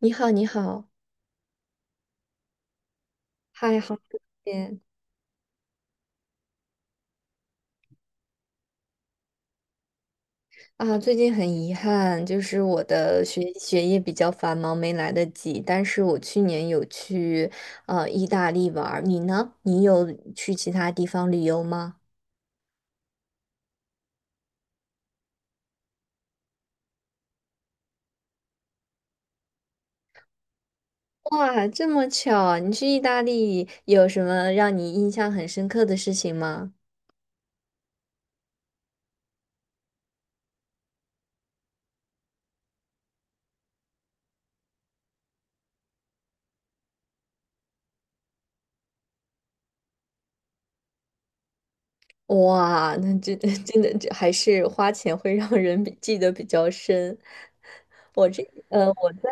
你好，你好，嗨，好久不见啊！最近很遗憾，就是我的学业比较繁忙，没来得及。但是我去年有去意大利玩儿，你呢？你有去其他地方旅游吗？哇，这么巧啊你去意大利有什么让你印象很深刻的事情吗？哇，那真 真的这还是花钱会让人比记得比较深。我在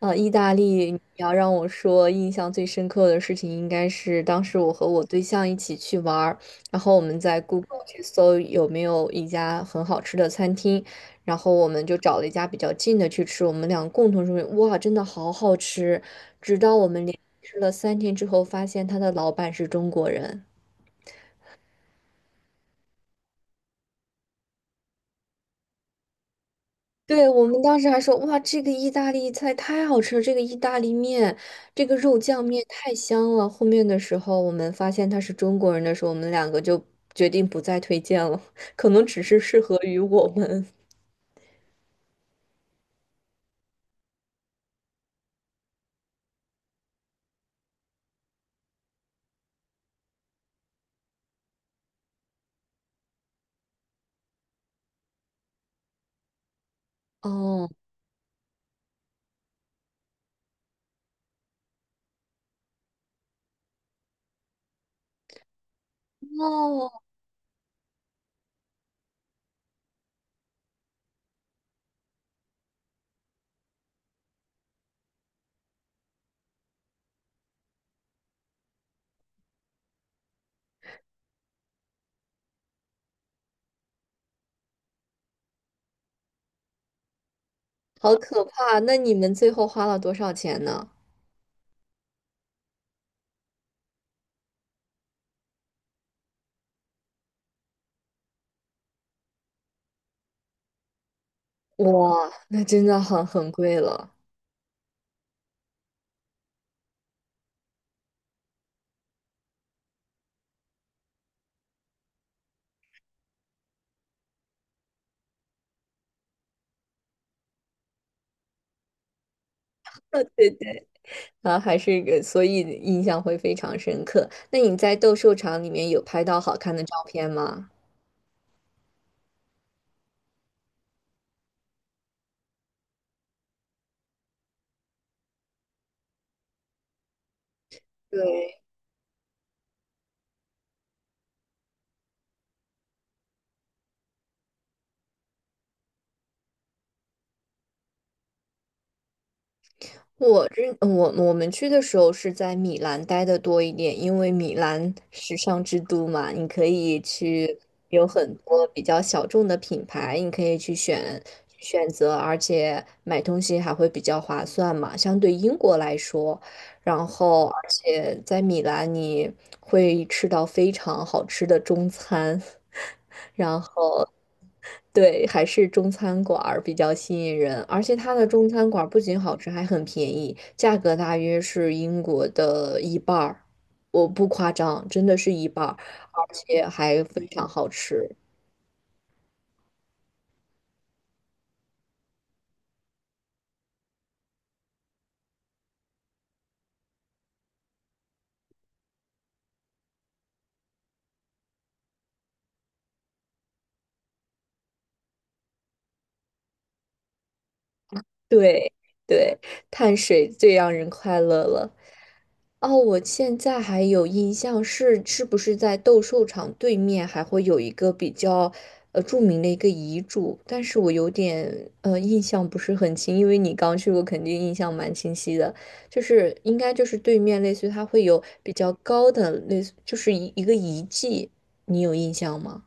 意大利，你要让我说印象最深刻的事情，应该是当时我和我对象一起去玩儿，然后我们在 Google 去搜有没有一家很好吃的餐厅，然后我们就找了一家比较近的去吃，我们俩共同说，哇，真的好好吃，直到我们连吃了三天之后，发现他的老板是中国人。对，我们当时还说，哇，这个意大利菜太好吃了，这个意大利面，这个肉酱面太香了。后面的时候，我们发现他是中国人的时候，我们两个就决定不再推荐了，可能只是适合于我们。哦哦，好可怕！那你们最后花了多少钱呢？哇，那真的很贵了。对对，啊，还是一个，所以印象会非常深刻。那你在斗兽场里面有拍到好看的照片吗？对。我这我我们去的时候是在米兰待的多一点，因为米兰时尚之都嘛，你可以去有很多比较小众的品牌，你可以去选择，而且买东西还会比较划算嘛，相对英国来说。然后，而且在米兰你会吃到非常好吃的中餐，然后对，还是中餐馆儿比较吸引人，而且它的中餐馆儿不仅好吃，还很便宜，价格大约是英国的一半儿，我不夸张，真的是一半儿，而且还非常好吃。对对，碳水最让人快乐了。哦，我现在还有印象是，是不是在斗兽场对面还会有一个比较著名的一个遗嘱？但是我有点印象不是很清，因为你刚去过，肯定印象蛮清晰的。就是应该就是对面，类似于它会有比较高的，类似就是一个遗迹，你有印象吗？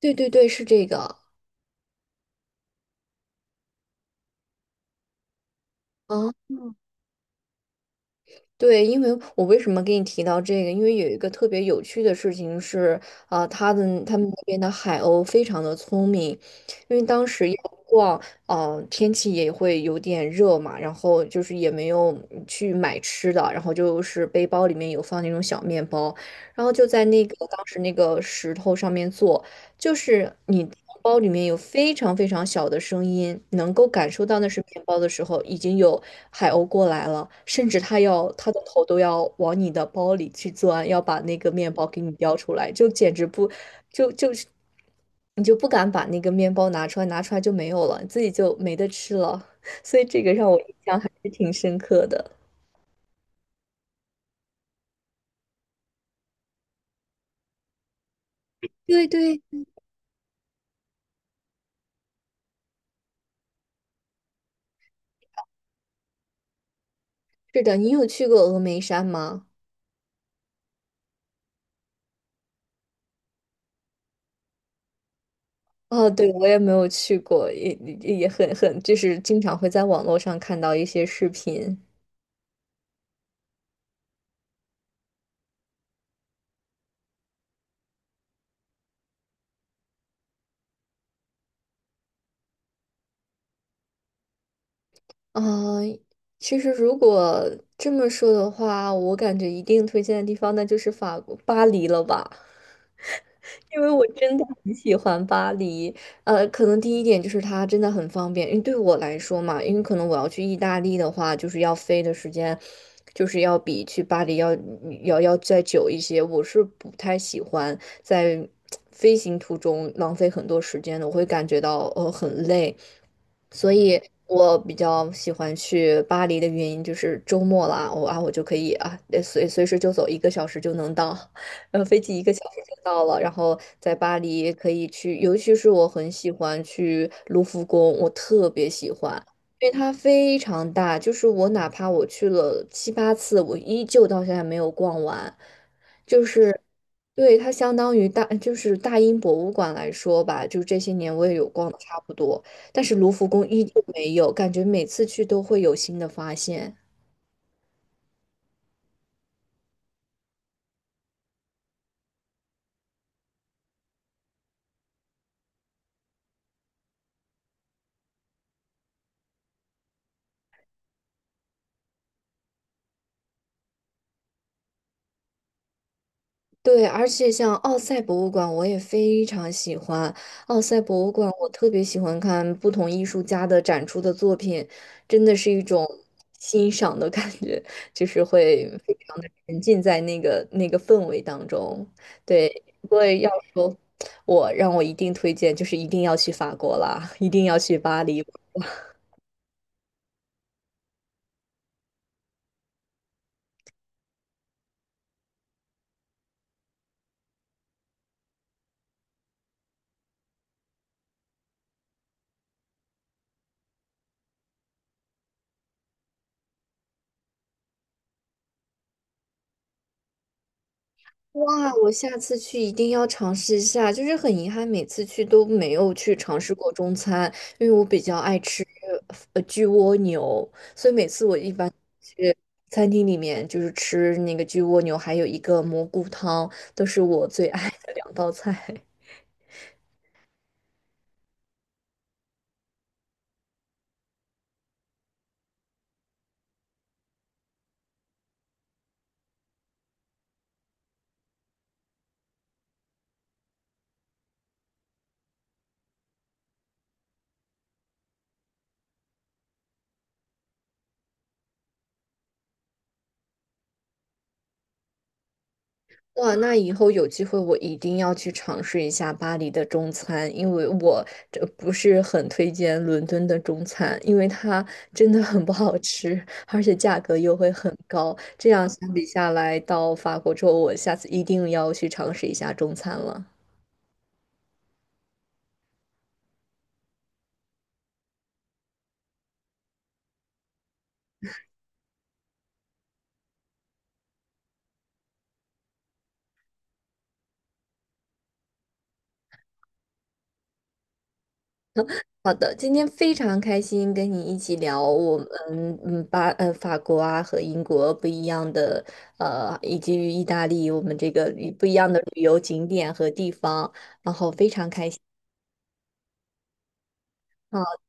对对对，是这个。啊。对，因为我为什么给你提到这个？因为有一个特别有趣的事情是，啊、他们那边的海鸥非常的聪明，因为当时要逛，呃，天气也会有点热嘛，然后就是也没有去买吃的，然后就是背包里面有放那种小面包，然后就在那个当时那个石头上面坐，就是你的面包里面有非常非常小的声音，能够感受到那是面包的时候，已经有海鸥过来了，甚至它要它的头都要往你的包里去钻，要把那个面包给你叼出来，就简直不，就是你就不敢把那个面包拿出来，拿出来就没有了，自己就没得吃了。所以这个让我印象还是挺深刻的。对对，是的，你有去过峨眉山吗？哦，对，我也没有去过，也很，就是经常会在网络上看到一些视频。啊，其实如果这么说的话，我感觉一定推荐的地方那就是法国巴黎了吧。因为我真的很喜欢巴黎，呃，可能第一点就是它真的很方便，因为对我来说嘛，因为可能我要去意大利的话，就是要飞的时间，就是要比去巴黎要再久一些。我是不太喜欢在飞行途中浪费很多时间的，我会感觉到很累，所以我比较喜欢去巴黎的原因就是周末啦，我就可以随时就走，一个小时就能到。呃，飞机一个小时就到了，然后在巴黎可以去，尤其是我很喜欢去卢浮宫，我特别喜欢，因为它非常大，就是我哪怕我去了七八次，我依旧到现在没有逛完，就是。对，它相当于大，就是大英博物馆来说吧，就这些年我也有逛的差不多，但是卢浮宫依旧没有，感觉每次去都会有新的发现。对，而且像奥赛博物馆，我也非常喜欢。奥赛博物馆，我特别喜欢看不同艺术家的展出的作品，真的是一种欣赏的感觉，就是会非常的沉浸在那个氛围当中。对，不过要说让我一定推荐，就是一定要去法国啦，一定要去巴黎。哇，我下次去一定要尝试一下。就是很遗憾，每次去都没有去尝试过中餐，因为我比较爱吃焗蜗牛，所以每次我一般去餐厅里面就是吃那个焗蜗牛，还有一个蘑菇汤，都是我最爱的两道菜。哇，那以后有机会我一定要去尝试一下巴黎的中餐，因为我这不是很推荐伦敦的中餐，因为它真的很不好吃，而且价格又会很高。这样相比下来，到法国之后，我下次一定要去尝试一下中餐了。好的，今天非常开心跟你一起聊我们法国啊和英国不一样的以及意大利我们这个不一样的旅游景点和地方。啊。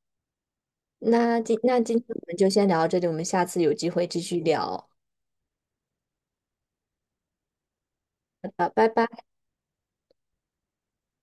那今那今天我们就先聊到这里，我们下次有机会继续聊。好的，拜拜。